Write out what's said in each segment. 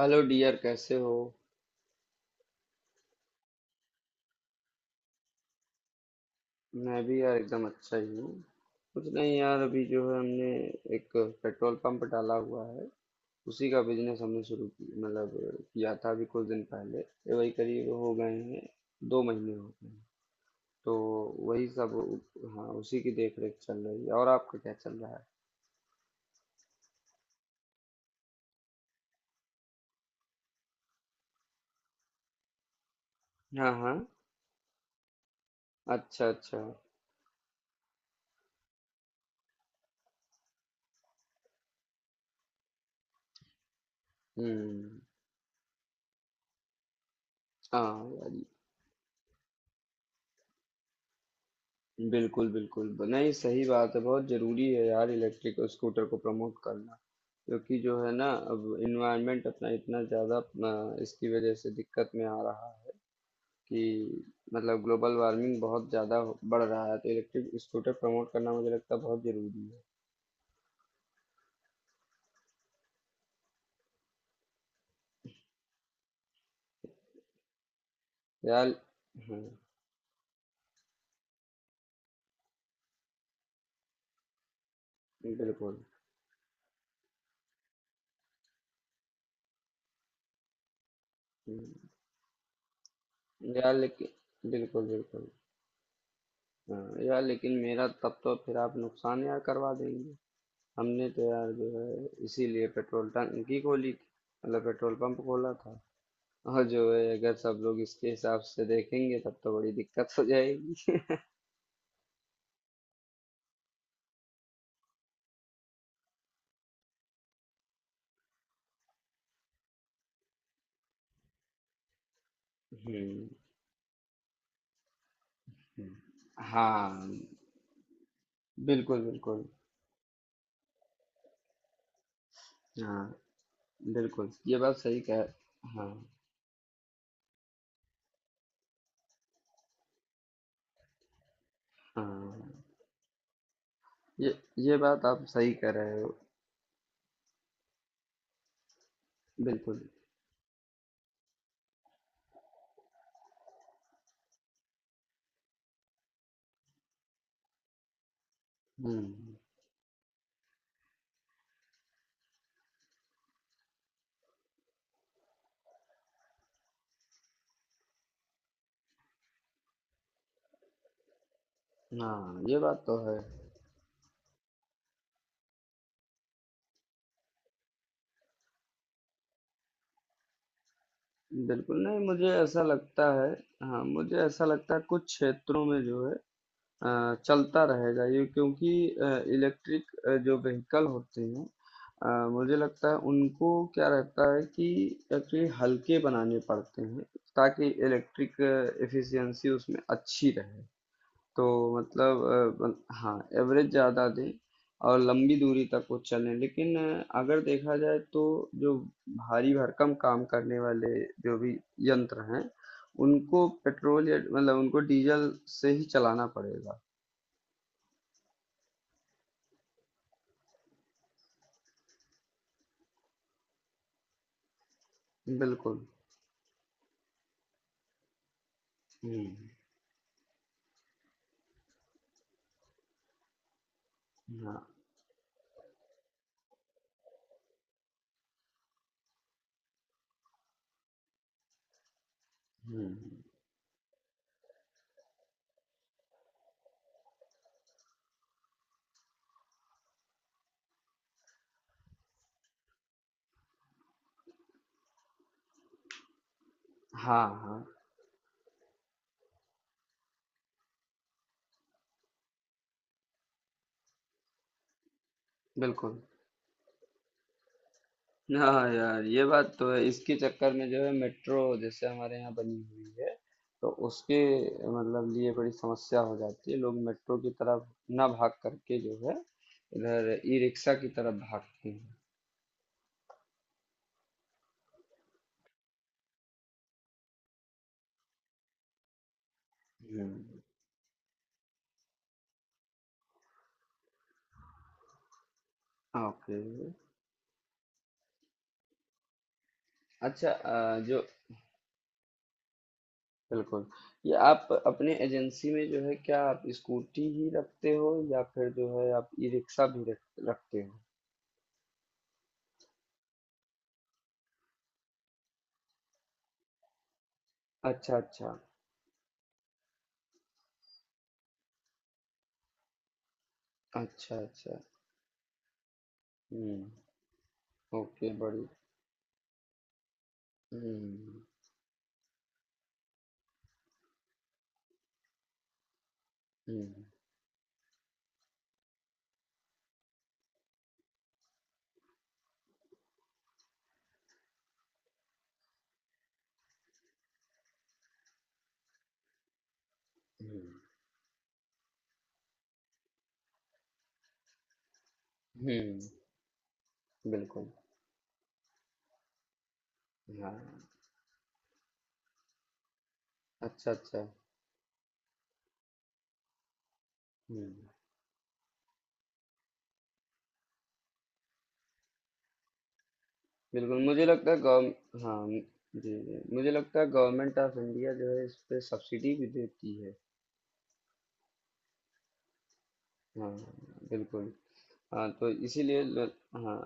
Hello dear, कैसे हो? मैं भी यार एकदम अच्छा ही हूँ। कुछ नहीं यार, अभी जो है हमने एक पेट्रोल पंप डाला हुआ है। उसी का बिजनेस हमने शुरू की मतलब किया था अभी कुछ दिन पहले, ये वही करीब हो गए हैं, 2 महीने हो गए हैं। तो वही सब। हाँ, उसी की देख रेख चल रही है और आपका क्या चल रहा है? हाँ हाँ, अच्छा अच्छा। हम्म। हाँ यार, बिल्कुल बिल्कुल नहीं, सही बात है, बहुत जरूरी है यार इलेक्ट्रिक स्कूटर को प्रमोट करना। क्योंकि जो है ना अब इन्वायरमेंट अपना इतना ज़्यादा अपना इसकी वजह से दिक्कत में आ रहा है कि मतलब ग्लोबल वार्मिंग बहुत ज़्यादा बढ़ रहा है, तो इलेक्ट्रिक स्कूटर प्रमोट करना मुझे लगता है बहुत ज़रूरी है यार। हाँ, बिल्कुल। हम्म, यार लेकिन, बिल्कुल बिल्कुल। हाँ यार लेकिन मेरा तब तो फिर आप नुकसान यार करवा देंगे। हमने तो यार जो है इसीलिए पेट्रोल टंकी खोली थी, मतलब पेट्रोल पंप खोला था। और जो है अगर सब लोग इसके हिसाब से देखेंगे तब तो बड़ी दिक्कत हो जाएगी। हम्म। हम्म। हाँ, बिल्कुल बिल्कुल। हाँ, बिल्कुल ये बात सही कह हाँ हाँ, ये ये बात आप सही कह रहे हो। बिल्कुल। हम्म। हाँ, ये बात तो है। बिल्कुल नहीं, मुझे ऐसा लगता है। हाँ, मुझे ऐसा लगता है कुछ क्षेत्रों में जो है चलता रहेगा ये, क्योंकि इलेक्ट्रिक जो व्हीकल होते हैं मुझे लगता है उनको क्या रहता है कि एक्चुअली हल्के बनाने पड़ते हैं, ताकि इलेक्ट्रिक एफिशिएंसी उसमें अच्छी रहे। तो मतलब हाँ एवरेज ज़्यादा दें और लंबी दूरी तक वो चलें, लेकिन अगर देखा जाए तो जो भारी भरकम काम करने वाले जो भी यंत्र हैं उनको पेट्रोल या मतलब उनको डीजल से ही चलाना पड़ेगा। बिल्कुल। हुँ। हाँ। हुँ। हाँ, हाँ, बिल्कुल। हाँ यार, ये बात तो है, इसके चक्कर में जो है मेट्रो जैसे हमारे यहाँ बनी हुई है, तो उसके मतलब लिए बड़ी समस्या हो जाती है। लोग मेट्रो की तरफ ना भाग करके जो है, इधर ई-रिक्शा की तरफ भागते हैं। हुँ। ओके। अच्छा, अ, जो बिल्कुल, ये आप अपने एजेंसी में जो है क्या आप स्कूटी ही रखते हो या फिर जो है आप ई-रिक्शा भी रख रखते हो? अच्छा, अच्छा। अच्छा, अच्छा। हुँ। ओके, बड़ी। हुँ। हुँ। हुँ। हुँ। बिल्कुल। हाँ। अच्छा, अच्छा। हुँ। बिल्कुल मुझे लगता है गव हाँ, जी, जी। मुझे लगता है गवर्नमेंट ऑफ इंडिया जो है इस पे सब्सिडी भी देती है। हाँ, बिल्कुल। हाँ, तो इसीलिए ल हाँ,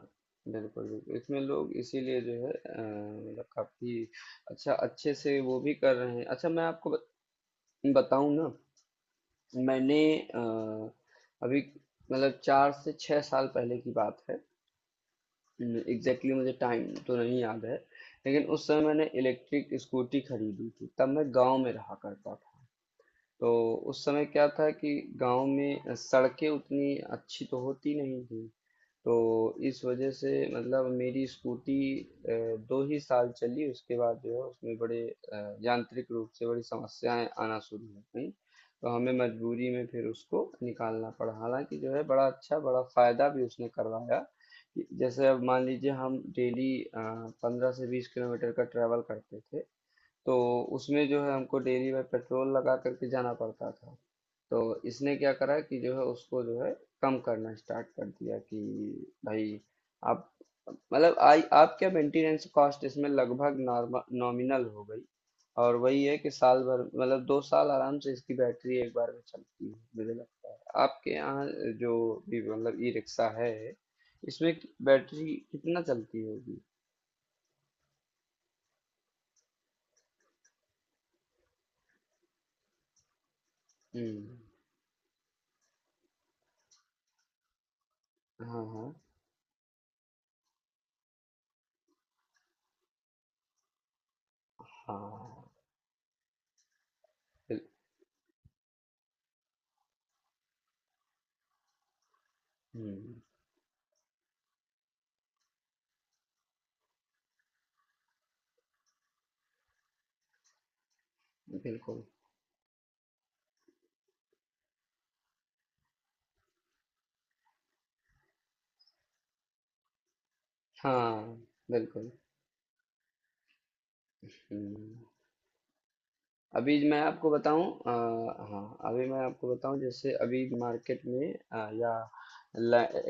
बिल्कुल, बिल्कुल। इसमें लोग इसीलिए जो है मतलब काफ़ी अच्छा अच्छे से वो भी कर रहे हैं। अच्छा मैं आपको बत बताऊँ ना, मैंने अ, अभी मतलब 4 से 6 साल पहले की बात है, एग्जैक्टली exactly मुझे टाइम तो नहीं याद है। लेकिन उस समय मैंने इलेक्ट्रिक स्कूटी खरीदी थी, तब मैं गांव में रहा करता था। तो उस समय क्या था कि गांव में सड़कें उतनी अच्छी तो होती नहीं थी। तो इस वजह से मतलब मेरी स्कूटी 2 ही साल चली, उसके बाद जो है उसमें बड़े यांत्रिक रूप से बड़ी समस्याएं आना शुरू हो गई। तो हमें मजबूरी में फिर उसको निकालना पड़ा, हालांकि जो है बड़ा अच्छा बड़ा फायदा भी उसने करवाया कि जैसे अब मान लीजिए हम डेली 15 से 20 किलोमीटर का ट्रैवल करते थे, तो उसमें जो है हमको डेली में पेट्रोल लगा करके जाना पड़ता था। तो इसने क्या करा कि जो है उसको जो है कम करना स्टार्ट कर दिया कि भाई आप मतलब आई आपके मेंटेनेंस कॉस्ट इसमें लगभग नॉर्मल नॉमिनल हो गई। और वही है कि साल भर मतलब 2 साल आराम से इसकी बैटरी एक बार में चलती है। मुझे लगता है आपके यहाँ जो भी मतलब ई रिक्शा है इसमें बैटरी कितना चलती होगी? हम्म। हाँ हाँ। हाँ। बिल, हम्म। बिल्कुल। हाँ। बिल्कुल। हम्म। अभी मैं आपको बताऊं अ, हाँ अभी मैं आपको बताऊं जैसे अभी मार्केट में या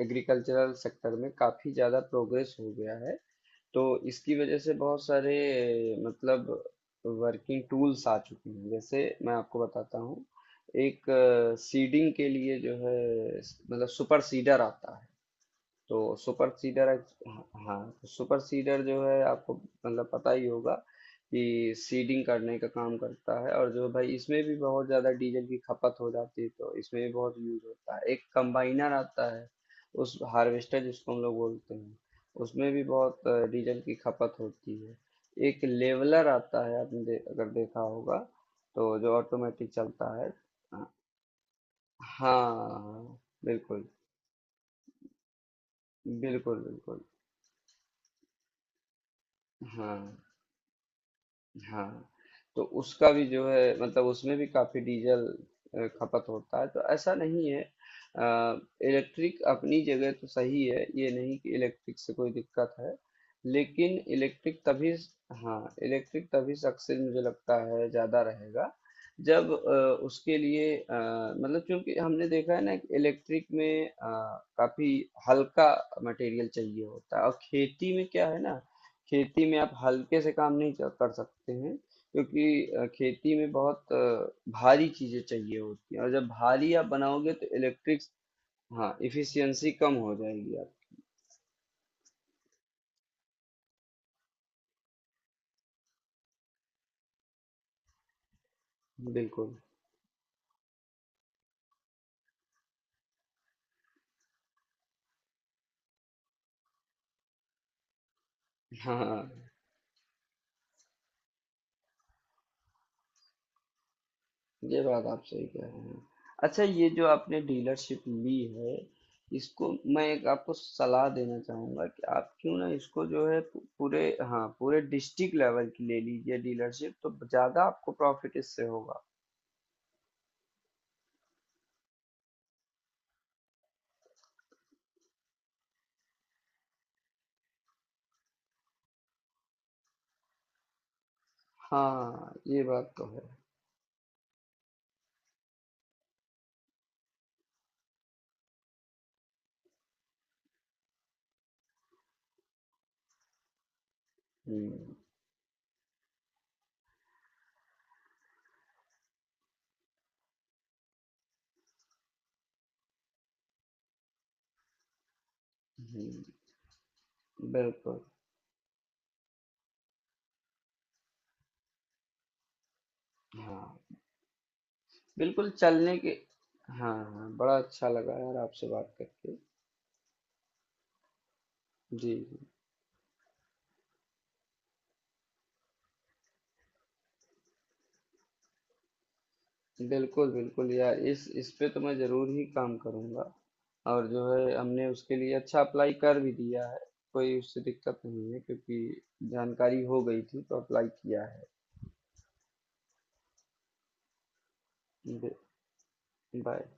एग्रीकल्चरल सेक्टर में काफ़ी ज़्यादा प्रोग्रेस हो गया है। तो इसकी वजह से बहुत सारे मतलब वर्किंग टूल्स आ चुके हैं, जैसे मैं आपको बताता हूँ एक सीडिंग के लिए जो है मतलब सुपर सीडर आता है। तो सुपर सीडर। हाँ, तो सुपर सीडर जो है आपको मतलब पता ही होगा कि सीडिंग करने का काम करता है। और जो भाई इसमें भी बहुत ज़्यादा डीजल की खपत हो जाती है, तो इसमें भी बहुत यूज होता है। एक कंबाइनर आता है, उस हार्वेस्टर जिसको हम लोग बोलते हैं, उसमें भी बहुत डीजल की खपत होती है। एक लेवलर आता है, आपने अगर देखा होगा, तो जो ऑटोमेटिक चलता है। हाँ। बिल्कुल बिल्कुल बिल्कुल। हाँ हाँ, तो उसका भी जो है मतलब उसमें भी काफी डीजल खपत होता है। तो ऐसा नहीं है, इलेक्ट्रिक अपनी जगह तो सही है, ये नहीं कि इलेक्ट्रिक से कोई दिक्कत है। लेकिन इलेक्ट्रिक तभी। हाँ, इलेक्ट्रिक तभी सक्सेस मुझे लगता है ज्यादा रहेगा जब उसके लिए मतलब क्योंकि हमने देखा है ना कि इलेक्ट्रिक में काफी हल्का मटेरियल चाहिए होता है। और खेती में क्या है ना, खेती में आप हल्के से काम नहीं कर सकते हैं, क्योंकि खेती में बहुत भारी चीजें चाहिए होती हैं। और जब भारी आप बनाओगे तो इलेक्ट्रिक। हाँ इफिशियंसी कम हो जाएगी। आप बिल्कुल। हाँ, ये बात आप सही कह रहे हैं। अच्छा ये जो आपने डीलरशिप ली है, इसको मैं एक आपको सलाह देना चाहूंगा कि आप क्यों ना इसको जो है पूरे हाँ पूरे डिस्ट्रिक्ट लेवल की ले लीजिए डीलरशिप, तो ज्यादा आपको प्रॉफिट इससे होगा। हाँ ये बात तो है। हुँ। हुँ। बिल्कुल, हाँ। बिल्कुल चलने के हाँ, हाँ, बड़ा अच्छा लगा यार आपसे बात करके। जी, जी। बिल्कुल, बिल्कुल यार इस पे तो मैं ज़रूर ही काम करूँगा। और जो है हमने उसके लिए अच्छा अप्लाई कर भी दिया है, कोई उससे दिक्कत नहीं है क्योंकि जानकारी हो गई थी तो अप्लाई किया है। बि बाय।